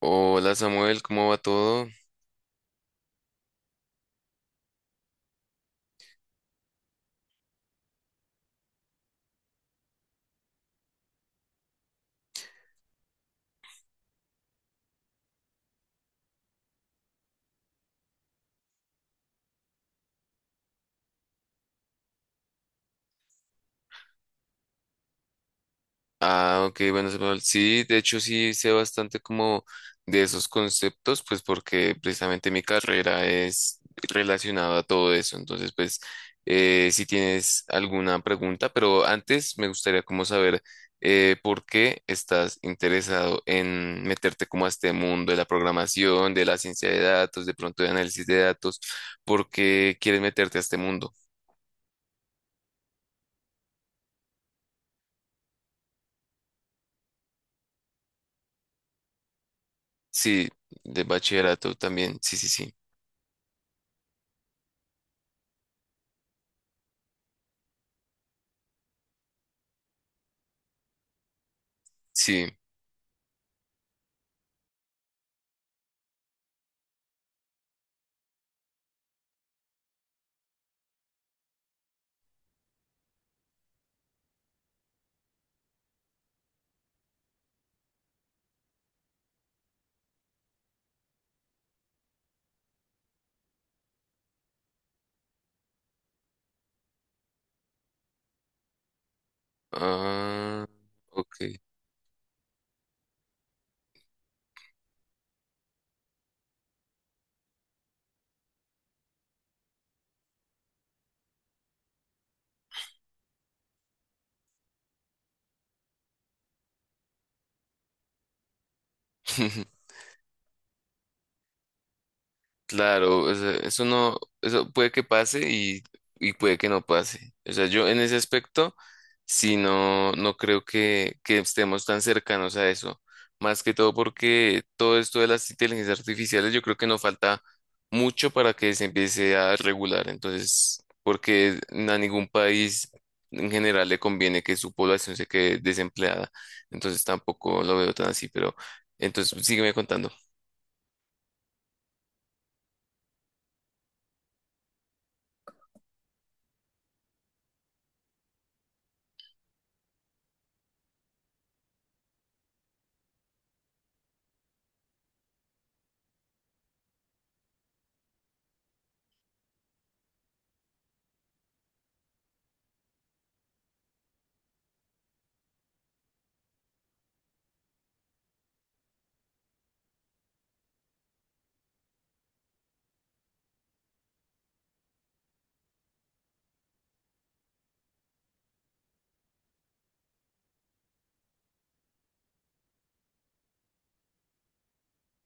Hola Samuel, ¿cómo va todo? Ah, ok, bueno Samuel, sí, de hecho sí sé bastante como de esos conceptos, pues porque precisamente mi carrera es relacionada a todo eso, entonces pues si tienes alguna pregunta, pero antes me gustaría como saber por qué estás interesado en meterte como a este mundo de la programación, de la ciencia de datos, de pronto de análisis de datos, ¿por qué quieres meterte a este mundo? Sí, de bachillerato también, sí, sí, sí. Sí. Ah, ok. Claro, o sea, eso no, eso puede que pase y puede que no pase. O sea, yo en ese aspecto, sí no, no creo que estemos tan cercanos a eso. Más que todo porque todo esto de las inteligencias artificiales, yo creo que nos falta mucho para que se empiece a regular. Entonces, porque a ningún país en general le conviene que su población se quede desempleada. Entonces, tampoco lo veo tan así, pero entonces sígueme contando.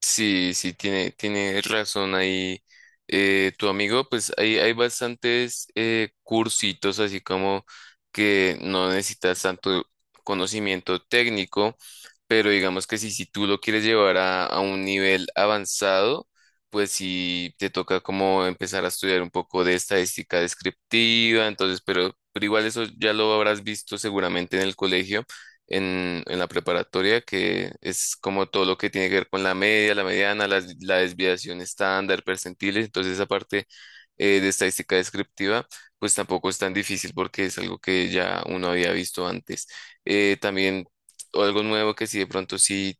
Sí, sí, tiene razón ahí tu amigo, pues hay bastantes cursitos así como que no necesitas tanto conocimiento técnico, pero digamos que si, si tú lo quieres llevar a un nivel avanzado, pues sí te toca como empezar a estudiar un poco de estadística descriptiva, entonces, pero igual eso ya lo habrás visto seguramente en el colegio en la preparatoria, que es como todo lo que tiene que ver con la media, la mediana, la desviación estándar, percentiles. Entonces, esa parte de estadística descriptiva, pues tampoco es tan difícil porque es algo que ya uno había visto antes. También algo nuevo que si de pronto sí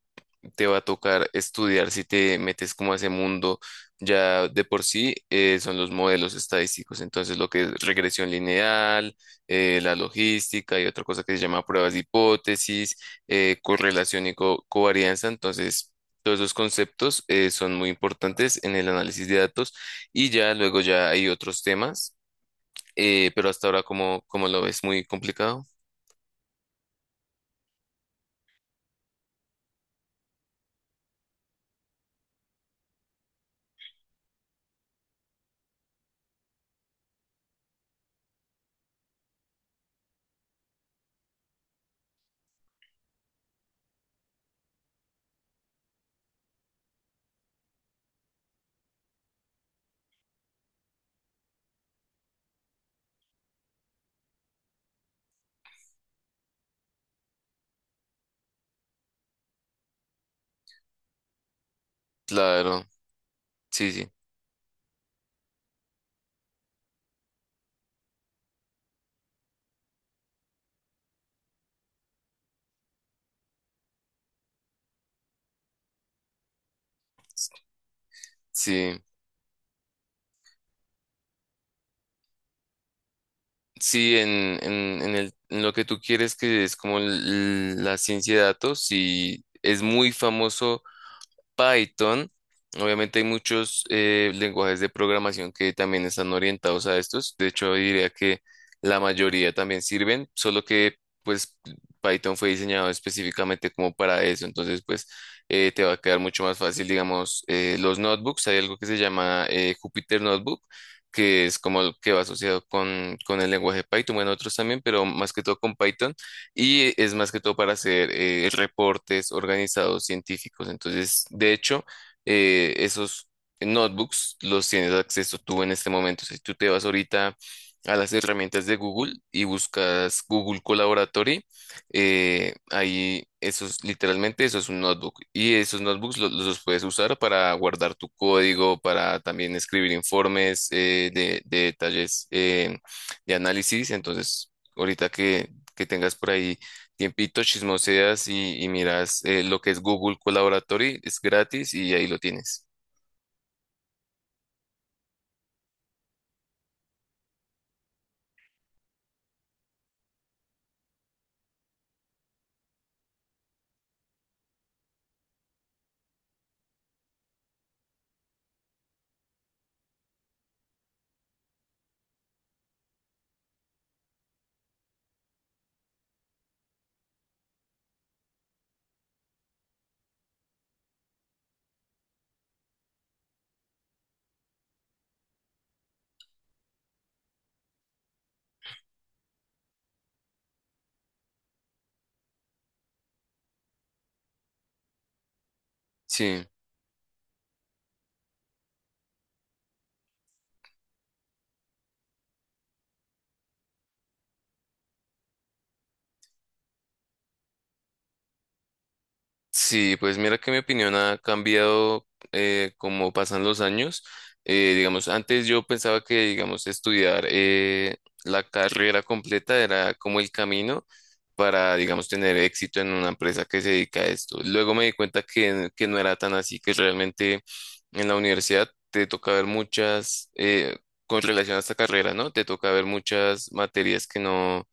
te va a tocar estudiar, si te metes como a ese mundo ya de por sí, son los modelos estadísticos. Entonces, lo que es regresión lineal la logística y otra cosa que se llama pruebas de hipótesis, correlación y covarianza. Entonces, todos esos conceptos son muy importantes en el análisis de datos y ya luego ya hay otros temas, pero hasta ahora como, como lo ves muy complicado. Claro, sí, sí, sí. Sí, en el, en lo que tú quieres, que es como la ciencia de datos, sí, es muy famoso Python. Obviamente hay muchos lenguajes de programación que también están orientados a estos. De hecho, diría que la mayoría también sirven, solo que pues Python fue diseñado específicamente como para eso. Entonces, pues te va a quedar mucho más fácil, digamos, los notebooks. Hay algo que se llama Jupyter Notebook, que es como el que va asociado con el lenguaje Python. Bueno, otros también, pero más que todo con Python y es más que todo para hacer reportes organizados científicos. Entonces, de hecho, esos notebooks los tienes acceso tú en este momento. Si tú te vas ahorita a las herramientas de Google y buscas Google Collaboratory, ahí eso es literalmente eso es un notebook y esos notebooks los, puedes usar para guardar tu código, para también escribir informes de detalles de análisis. Entonces, ahorita que tengas por ahí tiempito, chismoseas y miras lo que es Google Collaboratory, es gratis y ahí lo tienes. Sí. Sí, pues mira que mi opinión ha cambiado como pasan los años. Digamos, antes yo pensaba que, digamos, estudiar la carrera completa era como el camino para, digamos, tener éxito en una empresa que se dedica a esto. Luego me di cuenta que no era tan así, que realmente en la universidad te toca ver muchas, con relación a esta carrera, ¿no? Te toca ver muchas materias que no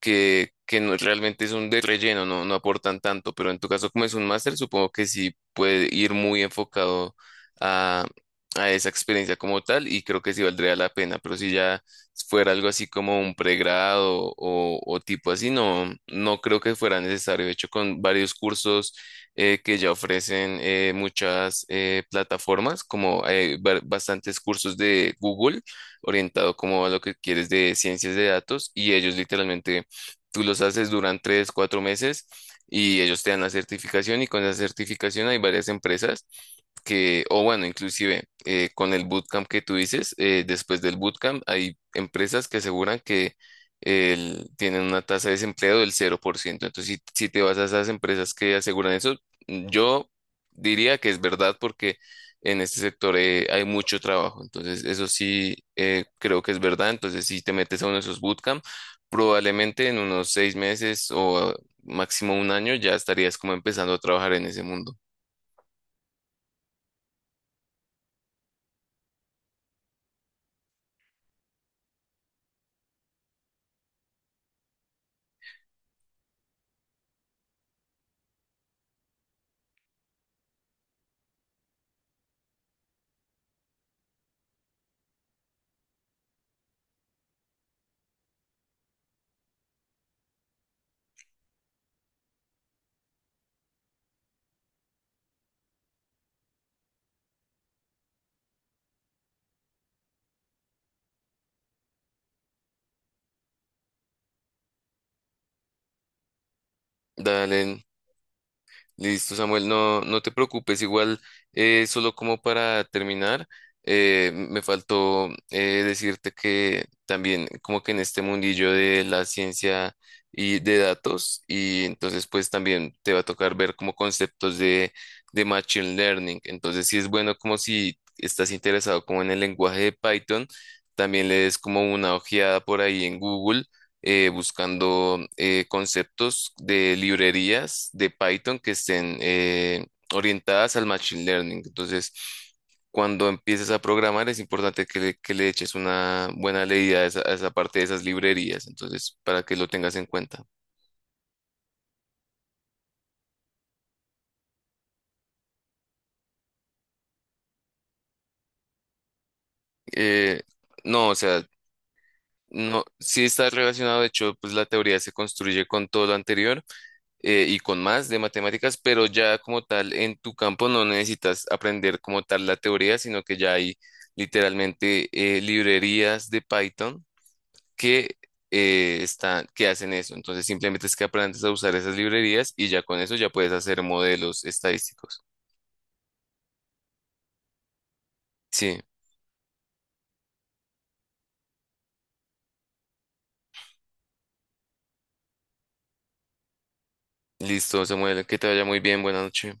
que no, realmente son de relleno, no, no aportan tanto, pero en tu caso como es un máster, supongo que sí puede ir muy enfocado a, a esa experiencia como tal y creo que sí valdría la pena, pero si ya fuera algo así como un pregrado o tipo así, no, no creo que fuera necesario. De hecho, con varios cursos que ya ofrecen muchas plataformas, como bastantes cursos de Google orientado como a lo que quieres de ciencias de datos y ellos literalmente tú los haces durante tres, cuatro meses y ellos te dan la certificación y con esa certificación hay varias empresas que, o bueno, inclusive con el bootcamp que tú dices, después del bootcamp hay empresas que aseguran que tienen una tasa de desempleo del 0%. Entonces, si, si te vas a esas empresas que aseguran eso, yo diría que es verdad porque en este sector hay mucho trabajo. Entonces, eso sí creo que es verdad. Entonces, si te metes a uno de esos bootcamp, probablemente en unos 6 meses o máximo un año ya estarías como empezando a trabajar en ese mundo. Dale. Listo, Samuel, no, no te preocupes, igual, solo como para terminar, me faltó decirte que también como que en este mundillo de la ciencia y de datos, y entonces pues también te va a tocar ver como conceptos de Machine Learning, entonces sí es bueno como si estás interesado como en el lenguaje de Python, también le des como una ojeada por ahí en Google buscando conceptos de librerías de Python que estén orientadas al machine learning. Entonces, cuando empieces a programar, es importante que le eches una buena leída a esa parte de esas librerías. Entonces, para que lo tengas en cuenta. Eh, no, o sea, no, sí está relacionado. De hecho, pues la teoría se construye con todo lo anterior y con más de matemáticas, pero ya como tal en tu campo no necesitas aprender como tal la teoría, sino que ya hay literalmente librerías de Python que están, que hacen eso. Entonces simplemente es que aprendes a usar esas librerías y ya con eso ya puedes hacer modelos estadísticos. Sí, listo, Samuel, que te vaya muy bien, buenas noches.